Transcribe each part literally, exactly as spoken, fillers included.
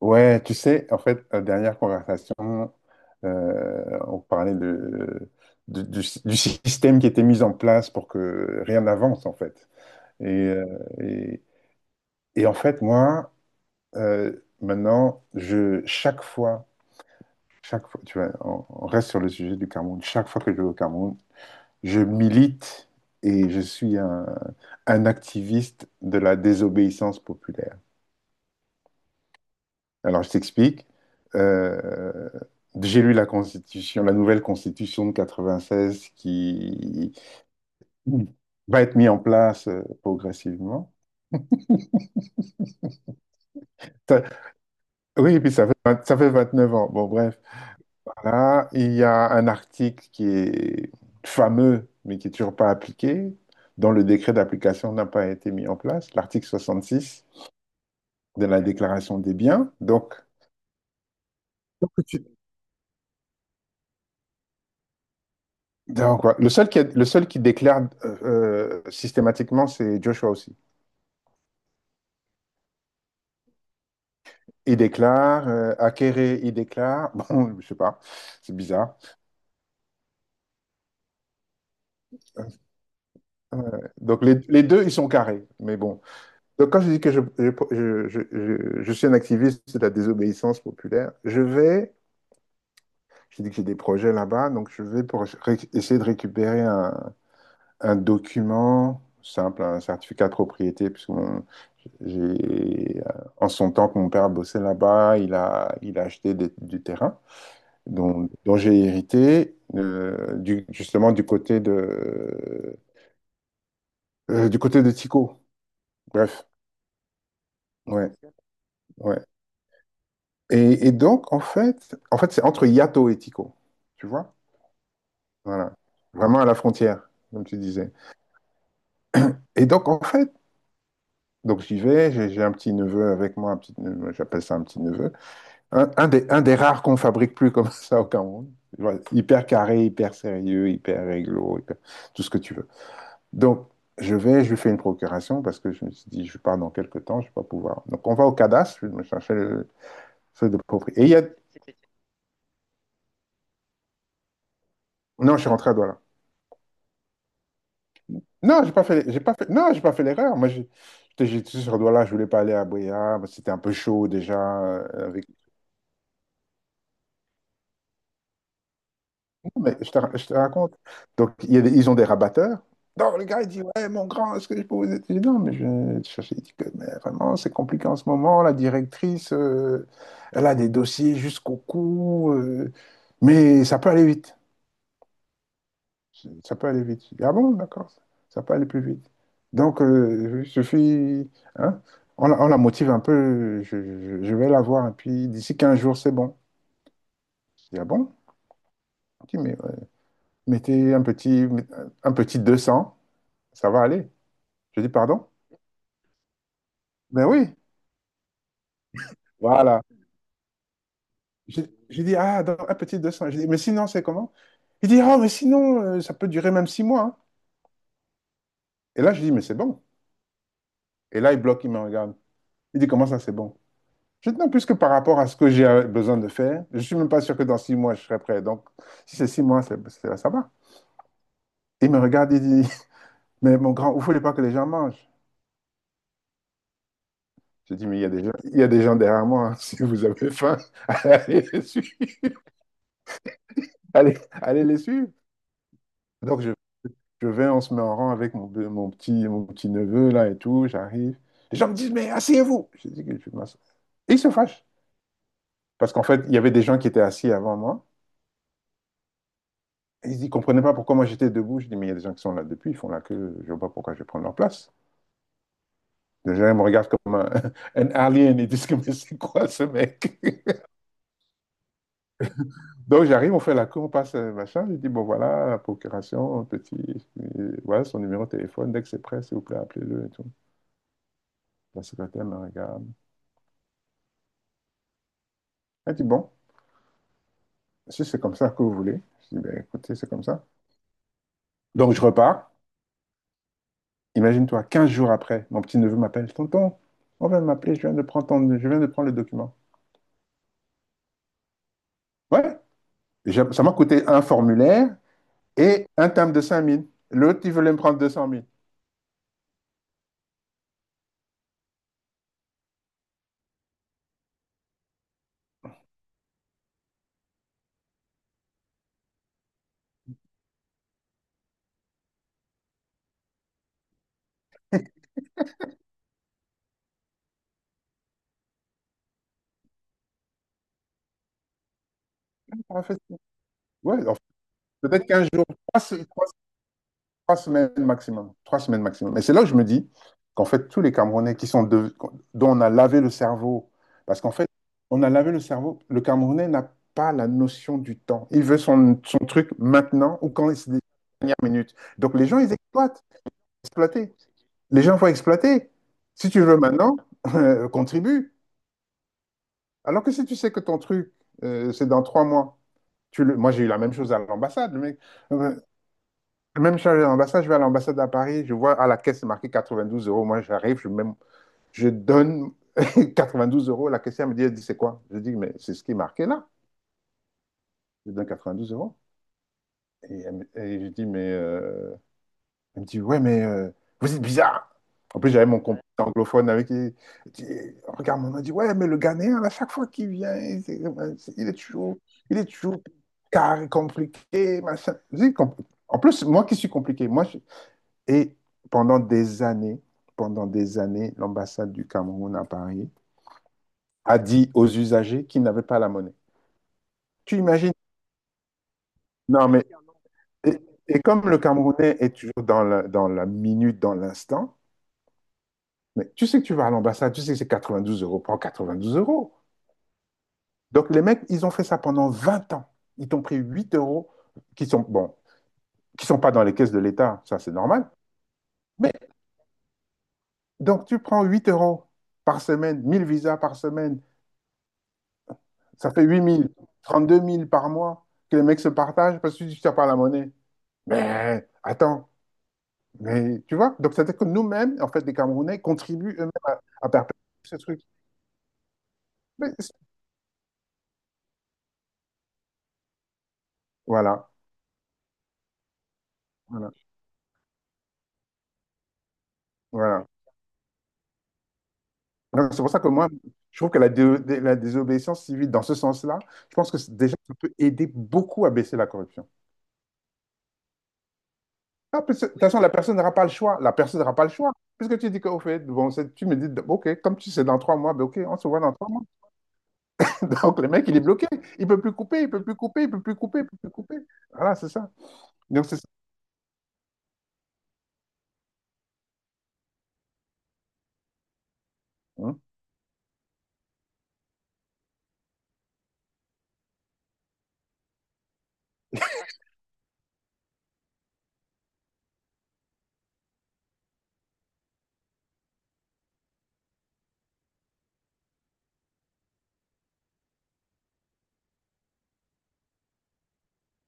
Ouais, tu sais, en fait, euh, dernière conversation. Euh, on parlait de, de- du, du système qui était mis en place pour que rien n'avance, en fait. Et, euh, et, et en fait, moi, euh, maintenant, je, chaque fois, chaque fois, tu vois, on, on reste sur le sujet du Cameroun, chaque fois que je vais au Cameroun, je milite et je suis un, un activiste de la désobéissance populaire. Alors, je t'explique. Euh, j'ai lu la constitution, la nouvelle constitution de quatre-vingt-seize qui va être mise en place euh, progressivement. Ça- oui, et puis ça fait, vingt- ça fait vingt-neuf ans. Bon, bref. Voilà. Il y a un article qui est fameux, mais qui n'est toujours pas appliqué, dont le décret d'application n'a pas été mis en place, l'article soixante-six de la déclaration des biens. Donc, donc, ouais. Le seul qui, a- le seul qui déclare euh, euh, systématiquement, c'est Joshua. Il déclare, euh, Akéré, il déclare. Bon, je sais pas, c'est bizarre. Euh, donc les, les deux, ils sont carrés, mais bon. Donc quand je dis que je, je, je- je- je- je suis un activiste de la désobéissance populaire, je vais, je dis que j'ai des projets là-bas, donc je vais pour ré- essayer de récupérer un, un document simple, un certificat de propriété, puisque mon- j'ai, euh, en son temps que mon père bossait là-bas, il a, il a acheté des- du terrain dont, dont j'ai hérité, euh, du- justement du côté de, euh, du côté de Tico. Bref, ouais, ouais. Et, et donc, en fait, en fait, c'est entre Yato et Tico, tu vois? Voilà, vraiment à la frontière, comme tu disais. Et donc, en fait, donc j'y vais, j'ai j'ai un petit neveu avec moi, un petit neveu, j'appelle ça un petit neveu. Un, un des, un des rares qu'on fabrique plus comme ça au Cameroun. Voilà. Hyper carré, hyper sérieux, hyper réglo, hyper- tout ce que tu veux. Donc, je vais, je lui fais une procuration parce que je me suis dit, je pars dans quelques temps, je ne vais pas pouvoir. Donc, on va au cadastre, je me cherchais le truc de propriété. Et il y a. Non, je suis rentré à Douala. Non, j'ai pas fait, j'ai pas fait, non, j'ai pas fait l'erreur. Moi, j'ai- j'étais j'étais sur Douala, je voulais pas aller à Boya, c'était un peu chaud déjà, euh, avec. Mais je te, ra- je te raconte. Donc, il y a des- ils ont des rabatteurs. Non, le gars, il dit, ouais, mon grand, est-ce que je peux vous aider? Je dis, non, mais je vais te chercher. Il dit que, mais vraiment, c'est compliqué en ce moment. La directrice, euh, elle a des dossiers jusqu'au cou, euh, mais ça peut aller vite. Ça peut aller vite. Je dis, ah bon, d'accord, ça peut aller plus vite. Donc, euh, il suffit, hein, on, la on la motive un peu, je, je- je vais la voir, et puis d'ici quinze jours, c'est bon. Je dis, ah bon? Il dit, mais ouais, mettez un petit, un petit deux cents. Ça va aller. Je dis, pardon? Ben oui, voilà. J'ai j'ai dit, ah, dans un petit deux cents. J'ai dit, mais sinon, c'est comment? Il dit, ah, mais sinon, euh, ça peut durer même six mois, hein. Et là, je dis, mais c'est bon. Et là, il bloque, il me regarde. Il dit, comment ça, c'est bon? Je dis, non, puisque par rapport à ce que j'ai euh, besoin de faire, je suis même pas sûr que dans six mois, je serai prêt. Donc, si c'est six mois, c'est, c'est- ça va. Il me regarde, il dit, mais mon grand, vous voulez pas que les gens mangent? Je dis, mais il y a des gens, il y a des gens derrière moi, hein. Si vous avez faim, allez les suivre. Allez, allez les suivre. Donc, je Je vais, on se met en rang avec mon, mon petit, mon petit neveu là et tout, j'arrive. Les gens me disent, mais asseyez-vous. Je dis que je vais m'asseoir. Et ils se fâchent. Parce qu'en fait, il y avait des gens qui étaient assis avant moi. Et ils ne comprenaient pas pourquoi moi j'étais debout. Je dis, mais il y a des gens qui sont là depuis, ils font la queue, je ne vois pas pourquoi je vais prendre leur place. Les gens ils me regardent comme un, un alien et disent, que, mais c'est quoi ce mec? Donc j'arrive, on fait la queue, on passe euh, machin. Je dis, bon voilà, la procuration, petit, euh, voilà son numéro de téléphone. Dès que c'est prêt, s'il vous plaît, appelez-le et tout. La secrétaire me regarde. Elle dit, bon, si c'est comme ça que vous voulez. Je dis, ben, écoutez, c'est comme ça. Donc je repars. Imagine-toi, quinze jours après, mon petit-neveu m'appelle, tonton, on vient de m'appeler, je viens de prendre ton- je viens de prendre le document. Ouais, ça m'a coûté un formulaire et un terme de cinq mille. L'autre, il voulait me prendre deux cent mille. Ouais, alors, peut-être quinze jours, trois, trois semaines maximum. Trois semaines maximum. Et c'est là que je me dis qu'en fait, tous les Camerounais qui sont de- dont on a lavé le cerveau, parce qu'en fait, on a lavé le cerveau, le Camerounais n'a pas la notion du temps. Il veut son, son truc maintenant ou quand c'est les dernières minutes. Donc les gens, ils exploitent. Exploiter. Les gens vont exploiter. Si tu veux maintenant, euh, contribue. Alors que si tu sais que ton truc, euh, c'est dans trois mois, tu le. Moi j'ai eu la même chose à l'ambassade. Le mec. Euh, Même si je suis à l'ambassade, je vais à l'ambassade à Paris, je vois à la caisse c'est marqué quatre-vingt-douze euros. Moi, j'arrive, je, même, je donne quatre-vingt-douze euros. La caissière me dit, elle dit, c'est quoi? Je dis, mais c'est ce qui est marqué là. Je donne quatre-vingt-douze euros. Et, elle me- et je dis, mais. euh, Elle me dit, ouais, mais euh, vous êtes bizarre. En plus, j'avais mon compte anglophone avec qui. Elle dit, regarde, on a dit, ouais, mais le Ghanéen, à chaque fois qu'il vient, il c'est- il est toujours, il est toujours carré, compliqué, machin. Je dis, Com- en plus, moi qui suis compliqué, moi. Et pendant des années, pendant des années, l'ambassade du Cameroun à Paris a dit aux usagers qu'ils n'avaient pas la monnaie. Tu imagines? Non, mais et, et comme le Camerounais est toujours dans la, dans la, minute, dans l'instant, mais tu sais que tu vas à l'ambassade, tu sais que c'est quatre-vingt-douze euros, prends quatre-vingt-douze euros. Donc les mecs, ils ont fait ça pendant vingt ans. Ils t'ont pris huit euros qui sont, bon, qui sont pas dans les caisses de l'État, ça c'est normal. Mais donc tu prends huit euros par semaine, mille visas par semaine. Ça fait huit mille, trente-deux mille par mois que les mecs se partagent parce que tu ne pas la monnaie. Mais attends, mais tu vois, donc c'est-à-dire que nous-mêmes, en fait, les Camerounais contribuent eux-mêmes à, à perpétuer ce truc. Mais c'est- voilà, voilà, voilà. Donc, c'est pour ça que moi, je trouve que la, dé- dé- la désobéissance civile, dans ce sens-là, je pense que c'est- déjà, ça peut aider beaucoup à baisser la corruption. Ah, parce que, de toute façon, la personne n'aura pas le choix. La personne n'aura pas le choix. Puisque tu dis qu'au fait, bon, c'est- tu me dis, ok, comme tu sais, dans trois mois, ben, ok, on se voit dans trois mois. Donc, le mec, il est bloqué. Il peut plus couper, il peut plus couper, il peut plus couper, il peut plus couper. Voilà, c'est ça. Donc, c'est ça. Hein?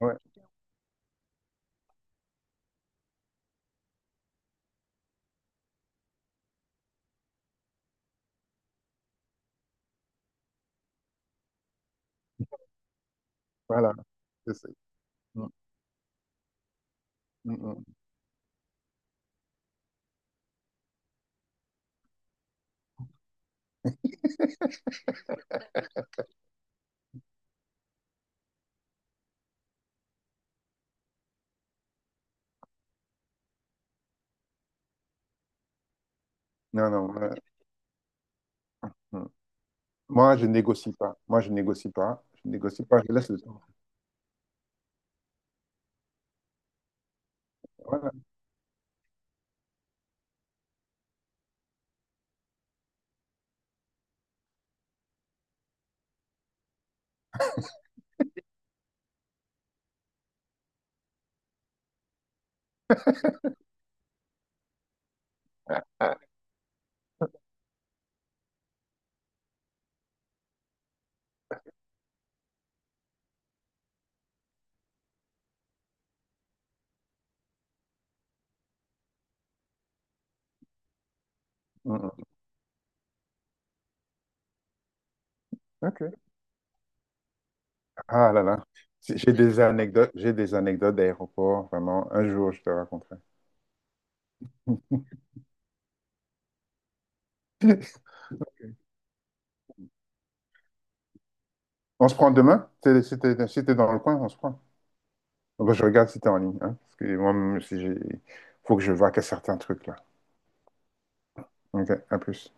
Ouais, voilà. C'est ça. Mm, mm, mm. Non, non, voilà. Mm. Moi, je négocie pas. Moi, je négocie pas. Je négocie pas. Je laisse le temps. Voilà. Ah. Mm, mm. OK. Ah là là. C'est- J'ai des anecdotes. J'ai des anecdotes d'aéroport, vraiment. Un jour, je te raconterai. On se prend demain? T'es- Si t'es si t'es dans le coin, on se prend. Ah bah, je regarde si t'es en ligne. Hein, parce que moi, si j'ai. Faut que je vois que certains trucs là. OK, à plus.